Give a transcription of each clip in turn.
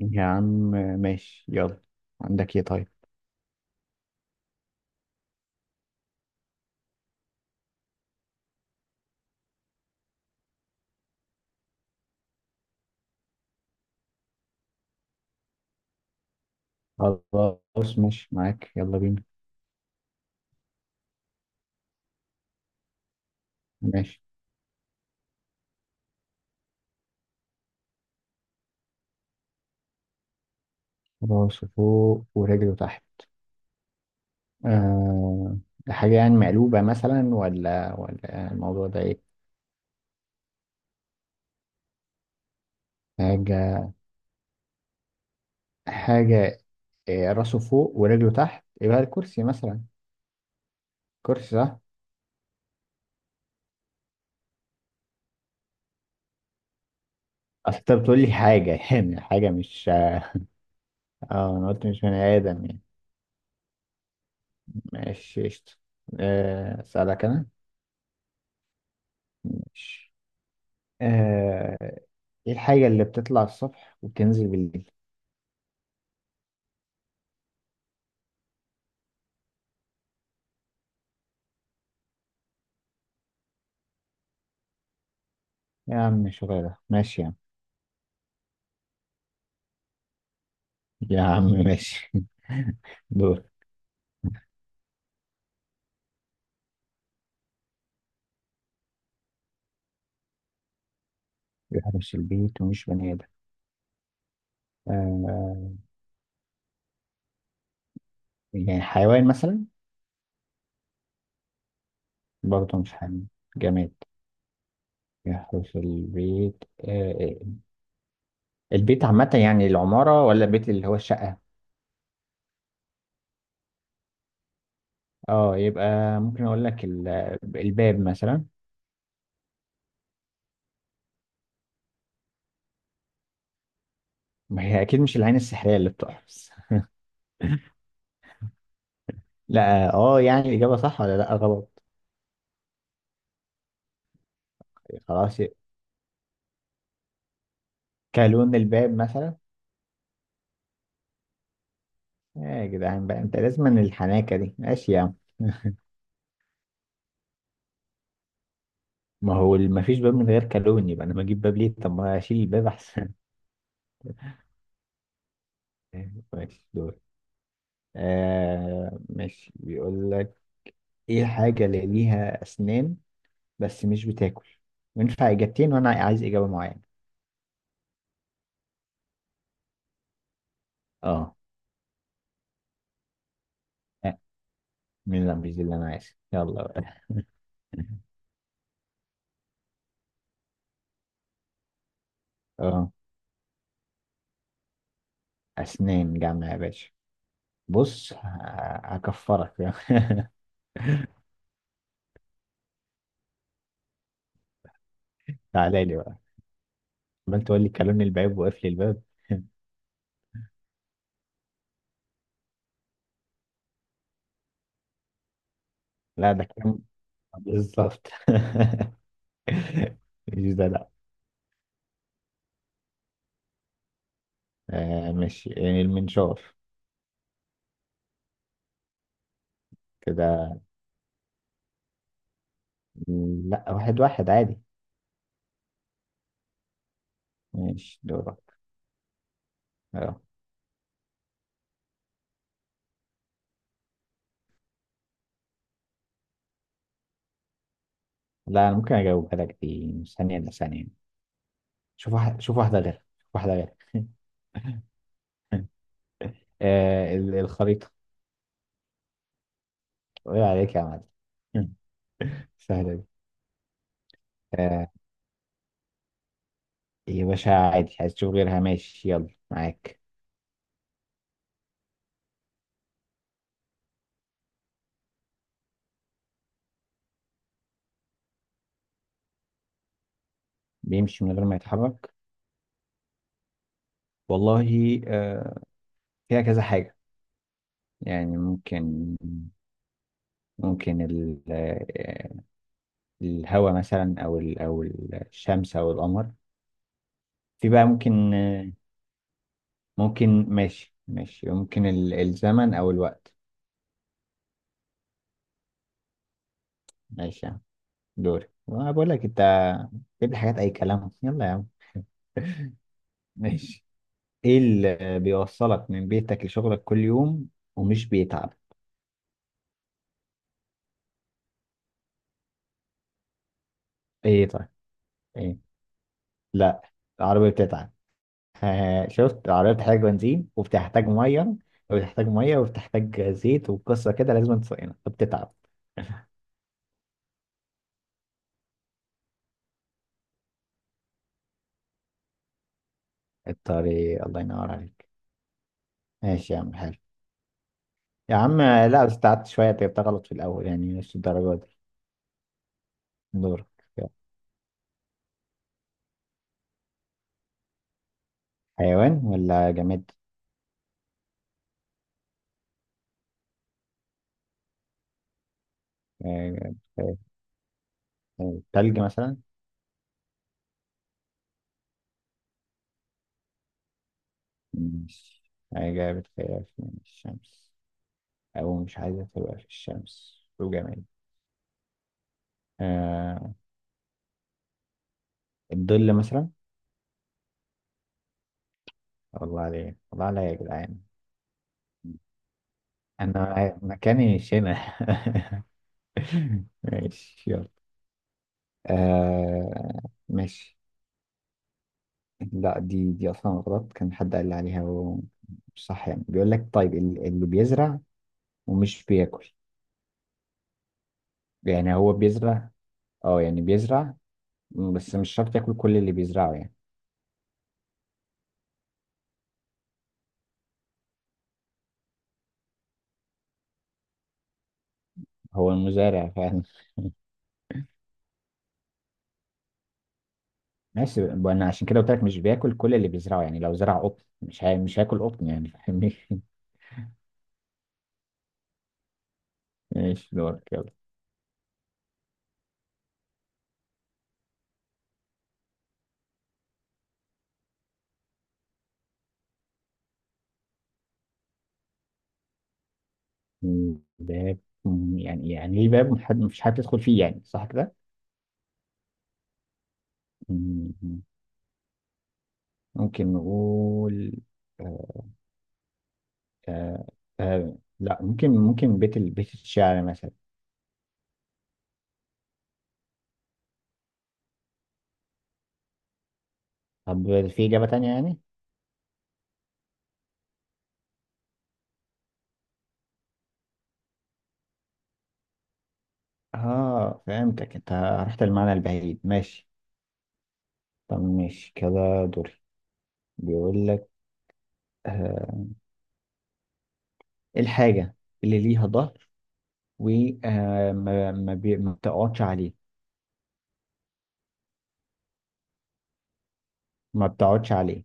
يا عم، ماشي يلا. عندك ايه؟ طيب، خلاص ماشي معاك يلا بينا. ماشي. راس فوق ورجله تحت، آه حاجة يعني مقلوبة مثلا، ولا الموضوع ده ايه؟ حاجة، حاجة، راسه فوق ورجله تحت يبقى الكرسي مثلا. كرسي، صح. اصل انت بتقول لي حاجة يعني حاجة، مش... اه، انا قلت مش بني ادم يعني. ماشي قشطة. آه، اسألك انا. ماشي. آه، ايه الحاجة اللي بتطلع الصبح وبتنزل بالليل؟ يا عم شغالة، ماشي يا عم، يا عم ماشي. دور. بيحرس البيت ومش بني آدم، آه، يعني حيوان مثلا؟ برضه مش حيوان، جماد. يحرس البيت، البيت عامة يعني العمارة، ولا البيت اللي هو الشقة؟ اه، يبقى ممكن اقول لك الباب مثلا. ما هي اكيد مش العين السحرية اللي بتحرس. لا. يعني الإجابة صح ولا لا، غلط؟ خلاص، كلون الباب مثلا. يا جدعان بقى، انت لازم من الحناكه دي. ماشي يا عم. ما هو ما فيش باب من غير كالون، يبقى انا ما اجيب باب ليه؟ طب ما اشيل الباب احسن. ماشي دول. آه ماشي، بيقول لك ايه الحاجه اللي ليها اسنان بس مش بتاكل؟ وينفع اجابتين وانا عايز اجابه معينه. اه. لا، من لا، مش دي اللي انا عايز. يلا بقى. اه، اسنان جامعه يا باشا. بص هكفرك. تعالى لي بقى، عمال تقول لي كلون الباب وقفل الباب. لا، ده كلام، بالظبط. مش ده، لا. آه، مش يعني المنشار؟ كده. لا، واحد واحد عادي. ماشي دورك. اه. لا، انا ممكن اجاوبها لك، دي مش ثانية الا ثانية. شوف واحد، شوف واحدة غير، شوف واحدة غير. آه، الخريطة. ايه عليك يا معلم. سهلة دي. آه يا باشا عادي، عايز تشوف غيرها ماشي يلا معاك. بيمشي من غير ما يتحرك؟ والله آه، فيها كذا حاجة. يعني ممكن الهواء مثلا، او الشمس، او القمر. في بقى ممكن، ممكن، ماشي ماشي، ممكن الزمن او الوقت. ماشي يا عم. دوري وأنا بقول لك انت. جيب لي حاجات اي كلام، يلا يا عم. ماشي. ايه اللي بيوصلك من بيتك لشغلك كل يوم ومش بيتعب؟ ايه طيب؟ ايه؟ لا، العربية بتتعب. شفت؟ العربية بتحتاج بنزين، وبتحتاج مية، وبتحتاج زيت، وقصة كده لازم تصينها، فبتتعب. الطريق، الله ينور عليك. ماشي يا عم، حلو. يا عم لا، بس تعبت شوية، انت جبتها غلط في الأول يعني، مش الدرجة دي. دورك يلا. حيوان ولا جماد؟ آه، آه، تلج مثلا. مش... حاجة بتخاف من الشمس، أو مش عايزة تبقى في الشمس، وجماد. آه، الظل مثلا. والله عليك، والله عليا يا جدعان. أنا مكاني مش هنا. ماشي يلا. آه ماشي. لا، دي اصلا غلط. كان حد قال لي عليها ومش صح يعني. بيقول لك طيب، اللي بيزرع ومش بياكل. يعني هو بيزرع، اه يعني بيزرع، بس مش شرط ياكل كل اللي بيزرعه يعني. هو المزارع فعلا. ماشي. انا عشان كده قلت لك مش بياكل كل اللي بيزرعه، يعني لو زرع قطن مش هياكل قطن يعني، فاهمني؟ ماشي دورك يلا. باب، يعني ليه باب مفيش حد يدخل فيه يعني، صح كده؟ مم. ممكن نقول، آه، آه آه لا. ممكن، بيت بيت الشعر مثلا. طب في إجابة تانية يعني؟ اه، فهمتك انت، رحت المعنى البعيد. ماشي. طب ماشي كده، دوري. بيقول لك، آه، إيه الحاجة اللي ليها ظهر وما ما بتقعدش عليه؟ ما بتقعدش عليه.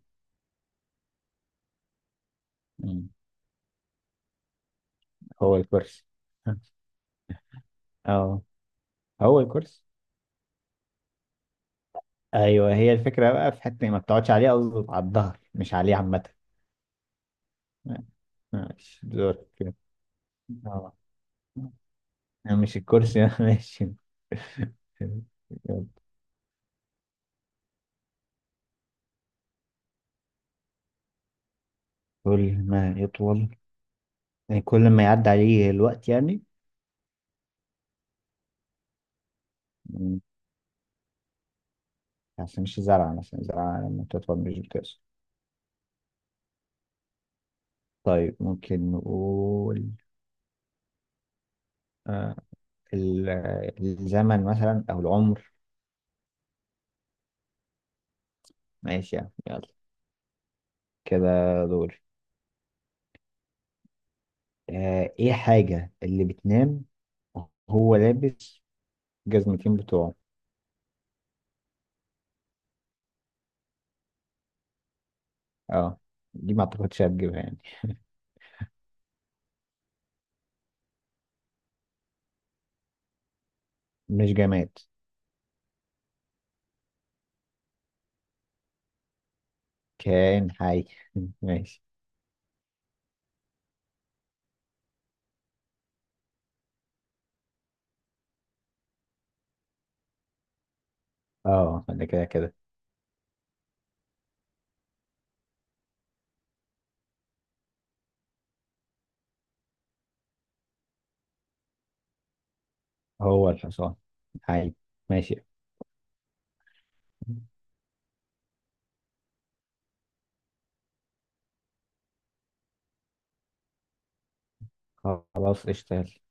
مم. هو الكرسي. اه، هو الكرسي. ايوه، هي الفكرة بقى، في حتة ما بتقعدش عليه، قصدي على الظهر مش عليه عامة. ماشي دورك كده. اه. يعني مش الكرسي. ماشي. كل ما يطول، يعني كل ما يعدي عليه الوقت يعني. مم، عشان مش زرعة مثلا، زرعة لما تطول مش بتقصر. طيب ممكن نقول، آه الزمن مثلا أو العمر. ماشي يعني يلا. كده دول. آه، إيه الحاجة اللي بتنام وهو لابس جزمتين بتوعه؟ اه، دي ما أعتقدش هتجيبها يعني. مش جماد، كائن حي. ماشي. اه، ده كده كده. هو الحصان؟ حي. ماشي، خلاص قشطة يلا.